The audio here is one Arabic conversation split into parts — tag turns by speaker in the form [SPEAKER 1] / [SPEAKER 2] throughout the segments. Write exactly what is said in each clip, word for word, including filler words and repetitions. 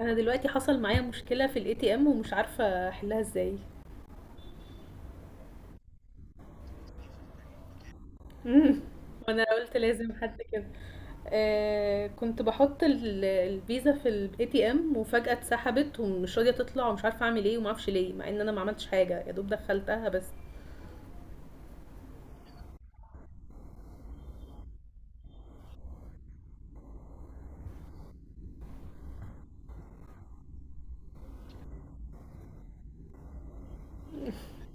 [SPEAKER 1] انا دلوقتي حصل معايا مشكله في الاي تي ام ومش عارفه احلها ازاي. امم وانا قلت لازم حد كده. آه، كنت بحط ال- الفيزا في الاي تي ام وفجاه اتسحبت ومش راضيه تطلع ومش عارفه اعمل ايه وما اعرفش ليه مع ان انا ما عملتش حاجه، يا دوب دخلتها بس.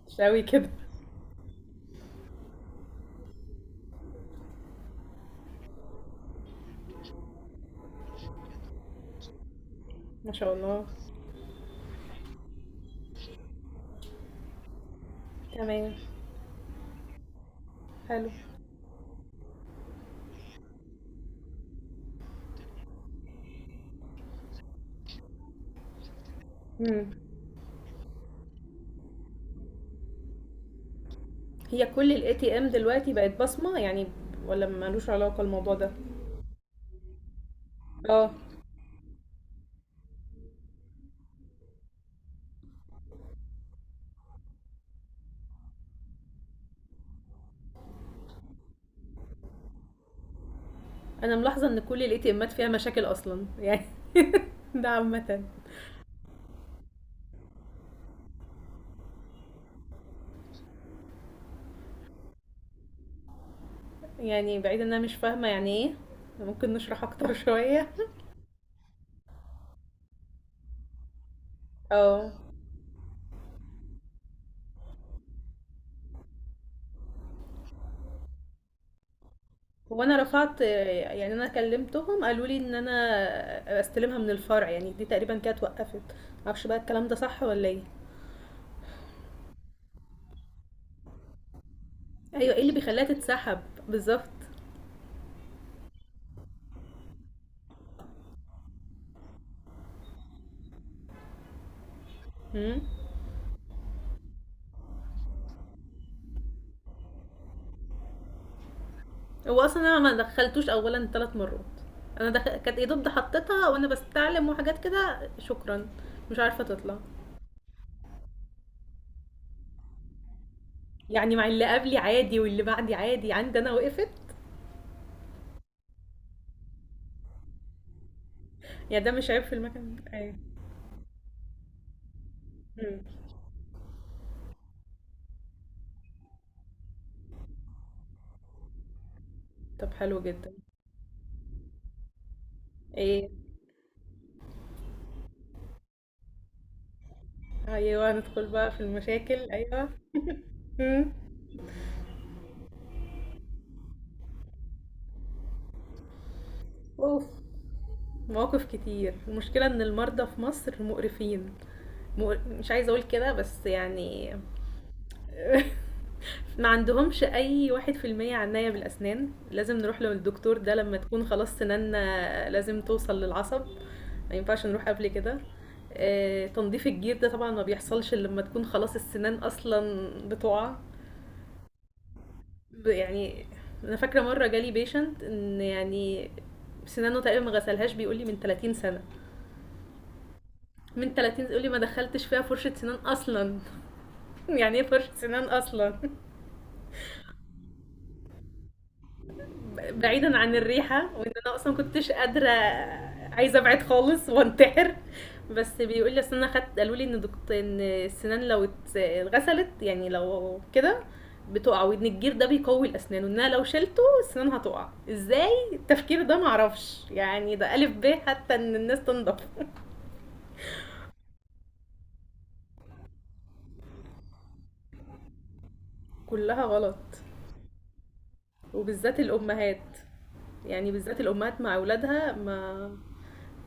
[SPEAKER 1] مش قوي كده. ما شاء الله. تمام. حلو. امم. هي كل الاي تي ام دلوقتي بقت بصمه يعني، ولا ملوش علاقه الموضوع ده؟ اه. انا ملاحظه ان كل الاي تي امات فيها مشاكل اصلا يعني. ده عامه. يعني بعيد ان انا مش فاهمة يعني ايه، ممكن نشرح اكتر شوية؟ اه. هو انا رفعت، يعني انا كلمتهم قالوا لي ان انا استلمها من الفرع، يعني دي تقريبا كانت وقفت. معرفش بقى الكلام ده صح ولا ايه. ايوه، ايه اللي بيخليها تتسحب؟ بالظبط. مم. هو اصلا انا ما دخلتوش اولا ثلاث مرات، انا دخ... كانت يا دوب ده حطيتها وانا بستعلم وحاجات كده. شكرا. مش عارفة تطلع. يعني مع اللي قبلي عادي واللي بعدي عادي، عندي انا وقفت. يعني ده مش عيب في المكان؟ ايوه. مم. طب حلو جدًا. إيه، أيوه، ندخل بقى في المشاكل، أيوه. إمم. أوف! مواقف كتير. المشكلة إن المرضى في مصر مقرفين، مقر مش عايزة أقول كده بس يعني. ما عندهمش أي واحد بالمية عناية بالأسنان، لازم نروح للدكتور ده لمّا تكون خلاص سناننا لازم توصل للعصب، ما ينفعش نروح قبل كده. آآ، تنضيف الجير ده طبعًا ما بيحصلش إلا لمّا تكون خلاص السنان أصلًا بتُقع. ب- يعني انا فاكره مره جالي بيشنت ان يعني سنانه تقريبا ما غسلهاش، بيقول لي من ثلاثين سنه، من ثلاثين يقول لي ما دخلتش فيها فرشه سنان اصلا. يعني ايه فرشه سنان اصلا؟ بعيدا عن الريحة وان انا اصلا كنتش قادرة، عايزة ابعد خالص وانتحر. بس بيقول لي اصل انا خدت، قالوا لي ان دكتور ان السنان لو ات- اتغسلت يعني لو كده بتقع، وان الجير ده بيقوي الاسنان وانها لو شلته السنان هتقع ازاي. التفكير ده معرفش يعني، ده الف ب حتى ان الناس تنضف. كلها غلط. وبالذات الامهات، يعني بالذات الامهات مع اولادها ما.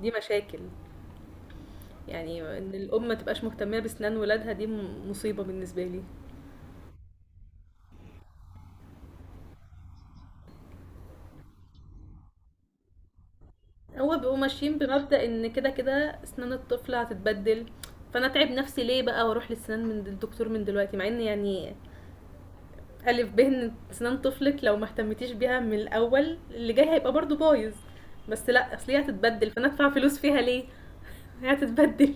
[SPEAKER 1] دي مشاكل، يعني ان الام ما تبقاش مهتمه باسنان ولادها دي م- مصيبه بالنسبه لي. هو بيبقوا ماشيين بمبدا ان كده كده اسنان الطفل هتتبدل، فانا اتعب نفسي ليه بقى واروح للسنان من الدكتور من دلوقتي، مع ان يعني الف ب ان اسنان طفلك لو ما اهتمتيش بيها من الاول اللي جاي هيبقى برضو بايظ. بس لا، اصل هي هتتبدل فانا ادفع فلوس فيها ليه، هي هتتبدل.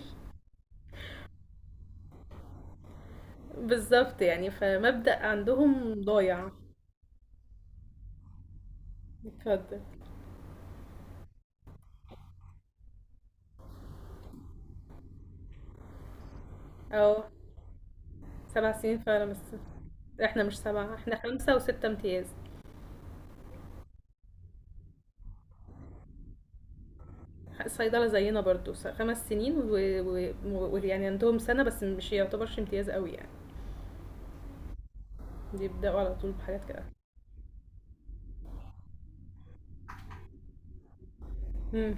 [SPEAKER 1] بالظبط، يعني فمبدا عندهم ضايع. اتفضل. اه. سبع سنين فعلا بس. احنا مش سبعة، احنا خمسة وستة امتياز. الصيدلة زينا برضو س- خمس سنين، ويعني و... و... و- يعني عندهم سنة بس مش يعتبرش امتياز قوي يعني، بيبدأوا على طول بحاجات كده. امم.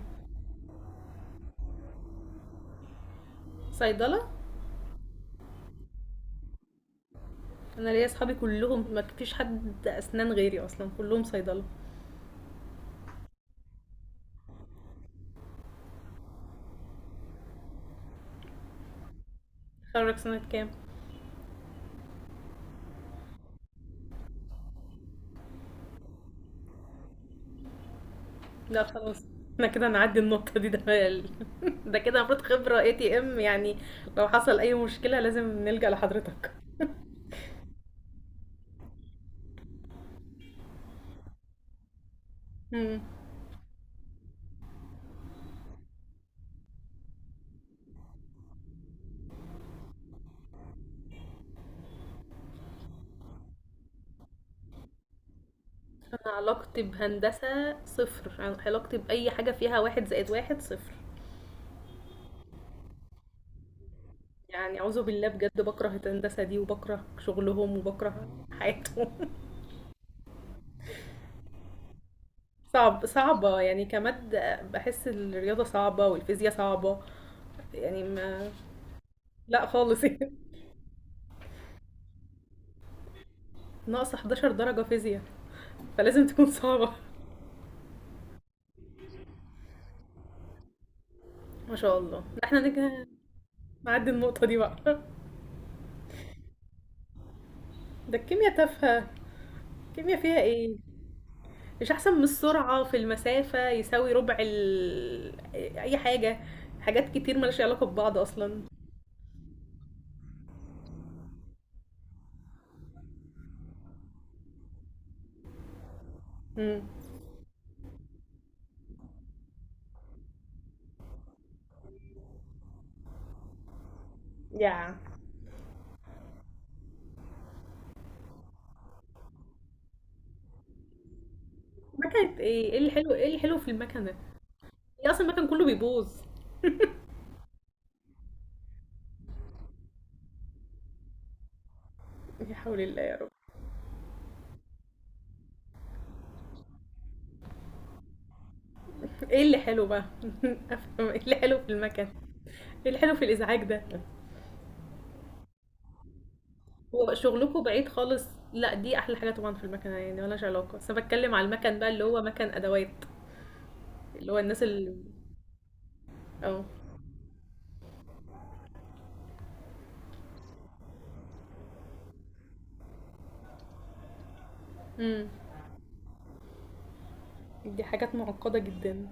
[SPEAKER 1] صيدلة. انا ليا اصحابي كلهم ما فيش حد اسنان غيري اصلا، كلهم صيدلة. اتخرج سنة كام؟ لا خلاص، احنا كده هنعدي النقطة دي. ده ال- ده كده المفروض خبرة اي تي ام يعني، لو حصل اي مشكلة لازم نلجأ لحضرتك. امم. انا علاقتي بهندسة صفر، عن- علاقتي بأي حاجة فيها واحد زائد واحد صفر. يعني أعوذ بالله بجد، بكره الهندسة دي وبكره شغلهم وبكره حياتهم. صعب صعبة يعني كمادة، بحس الرياضة صعبة والفيزياء صعبة. يعني ما. لا خالص. ناقص حداشر درجة فيزياء، فلازم تكون صعبة. ما شاء الله، احنا نجي نعدي النقطة دي بقى. ده الكيمياء تافهة، الكيمياء فيها ايه؟ مش احسن من السرعه في المسافه يساوي ربع ال... اي حاجه، حاجات كتير مالهاش علاقه ببعض اصلا. امم. يا مكنه ايه، ايه اللي حلو ايه اللي حلو في المكنه؟ هي اصلا المكن كله بيبوظ. يا حول الله يا رب، ايه اللي حلو بقى؟ افهم ايه اللي حلو في المكن، ايه اللي حلو في الازعاج ده؟ هو شغلكم بعيد خالص. لا دي احلى حاجه طبعا في المكنه، يعني مالهاش علاقه، بس انا بتكلم على المكن بقى اللي هو مكن ادوات، اللي هو الناس اللي. اه. امم. دي حاجات معقده جدا.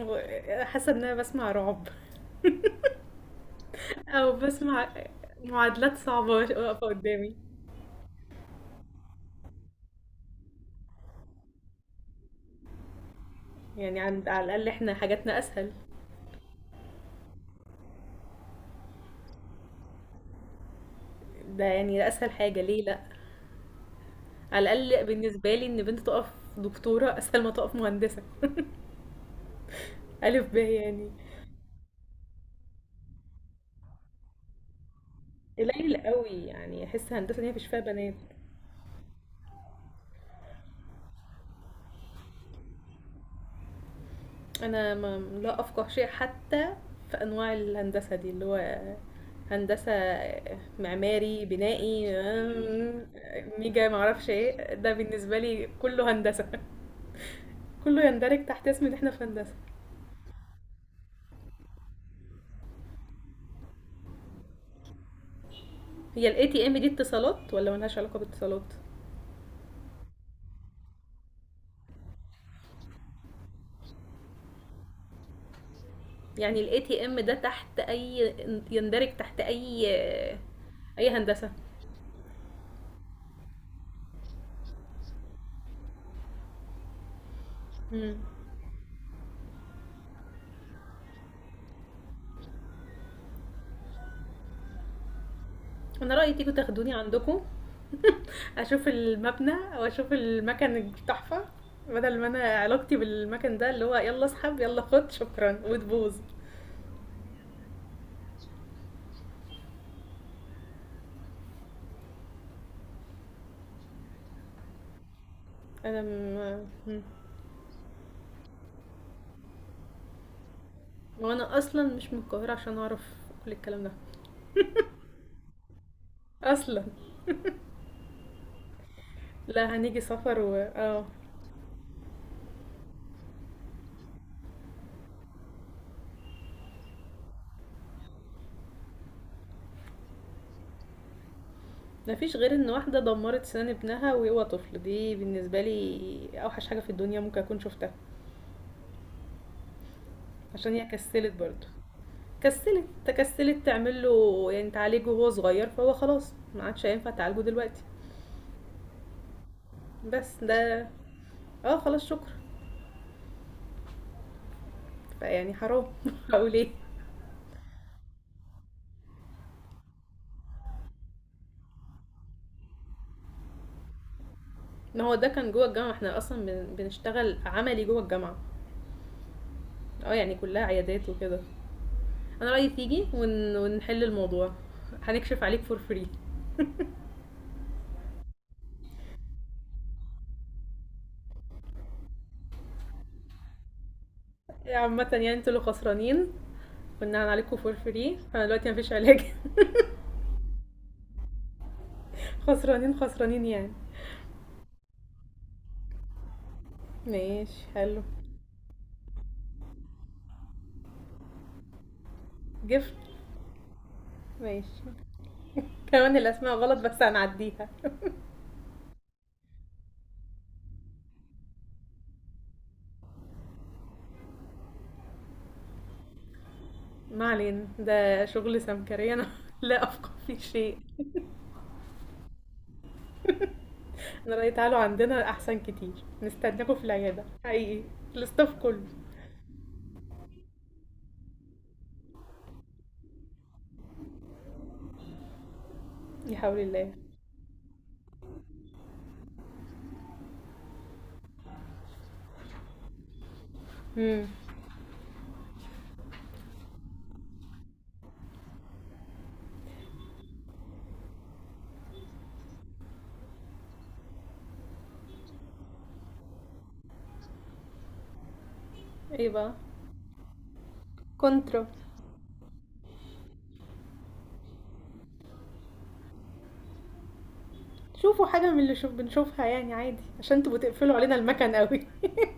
[SPEAKER 1] هو حاسة إن أنا بسمع رعب، أو بسمع معادلات صعبة واقفة قدامي. يعني عند على الأقل إحنا حاجاتنا أسهل، ده يعني ده أسهل حاجة ليه لأ. على الأقل بالنسبة لي إن بنت تقف دكتورة أسهل ما تقف مهندسة. ألف ب يعني، قليل قوي، يعني أحس هندسة دي مفيش فيها بنات. انا ما لا افقه شيء حتى في انواع الهندسه دي، اللي هو هندسه معماري بنائي، آم، ميجا، ما اعرفش ايه ده، بالنسبه لي كله هندسه. كله يندرج تحت اسم ان احنا في هندسه. هي الاي تي ام دي اتصالات ولا ملهاش علاقه بالاتصالات؟ يعني الاي تي ام ده تحت اي، يندرج تحت اي آه، اي هندسه؟ مم. انا رايي تيجوا تاخدوني عندكم، اشوف المبنى واشوف المكان التحفه، بدل ما انا علاقتي بالمكان ده اللي هو يلا اسحب يلا خد شكرا وتبوظ. انا م... م- وانا اصلا مش من القاهره عشان اعرف كل الكلام ده اصلا. لا هنيجي سفر و اه. مفيش غير ان واحده دمرت سنان ابنها وهو طفل، دي بالنسبه لي اوحش حاجه في الدنيا ممكن اكون شفتها، عشان هي كسلت برضه، كسلت تكسلت تعمل له يعني تعالجه وهو صغير، فهو خلاص ما عادش هينفع تعالجه دلوقتي. بس ده. اه خلاص شكرا. فيعني حرام. هقول ايه. ان هو ده كان جوه الجامعه، احنا اصلا بن- بنشتغل عملي جوه الجامعه. اه يعني كلها عيادات وكده. انا رايي تيجي ون... ونحل الموضوع، هنكشف عليك فور فري. عامه يعني انتوا اللي خسرانين، كنا عليكم فور فري، انا دلوقتي مفيش علاج. خسرانين خسرانين يعني. ماشي حلو. جفت. ماشي. كمان الاسماء غلط بس هنعديها. ما علينا، ده شغل سمكري، انا لا افقه في شيء. احنا رأي تعالوا عندنا احسن كتير، نستناكم في العيادة حقيقي، الاستاف كله. يا حول الله. امم. ايه بقى، كونترا. شوفوا حاجة من اللي شوف بنشوفها يعني عادي، عشان تبقوا تقفلوا علينا المكان قوي.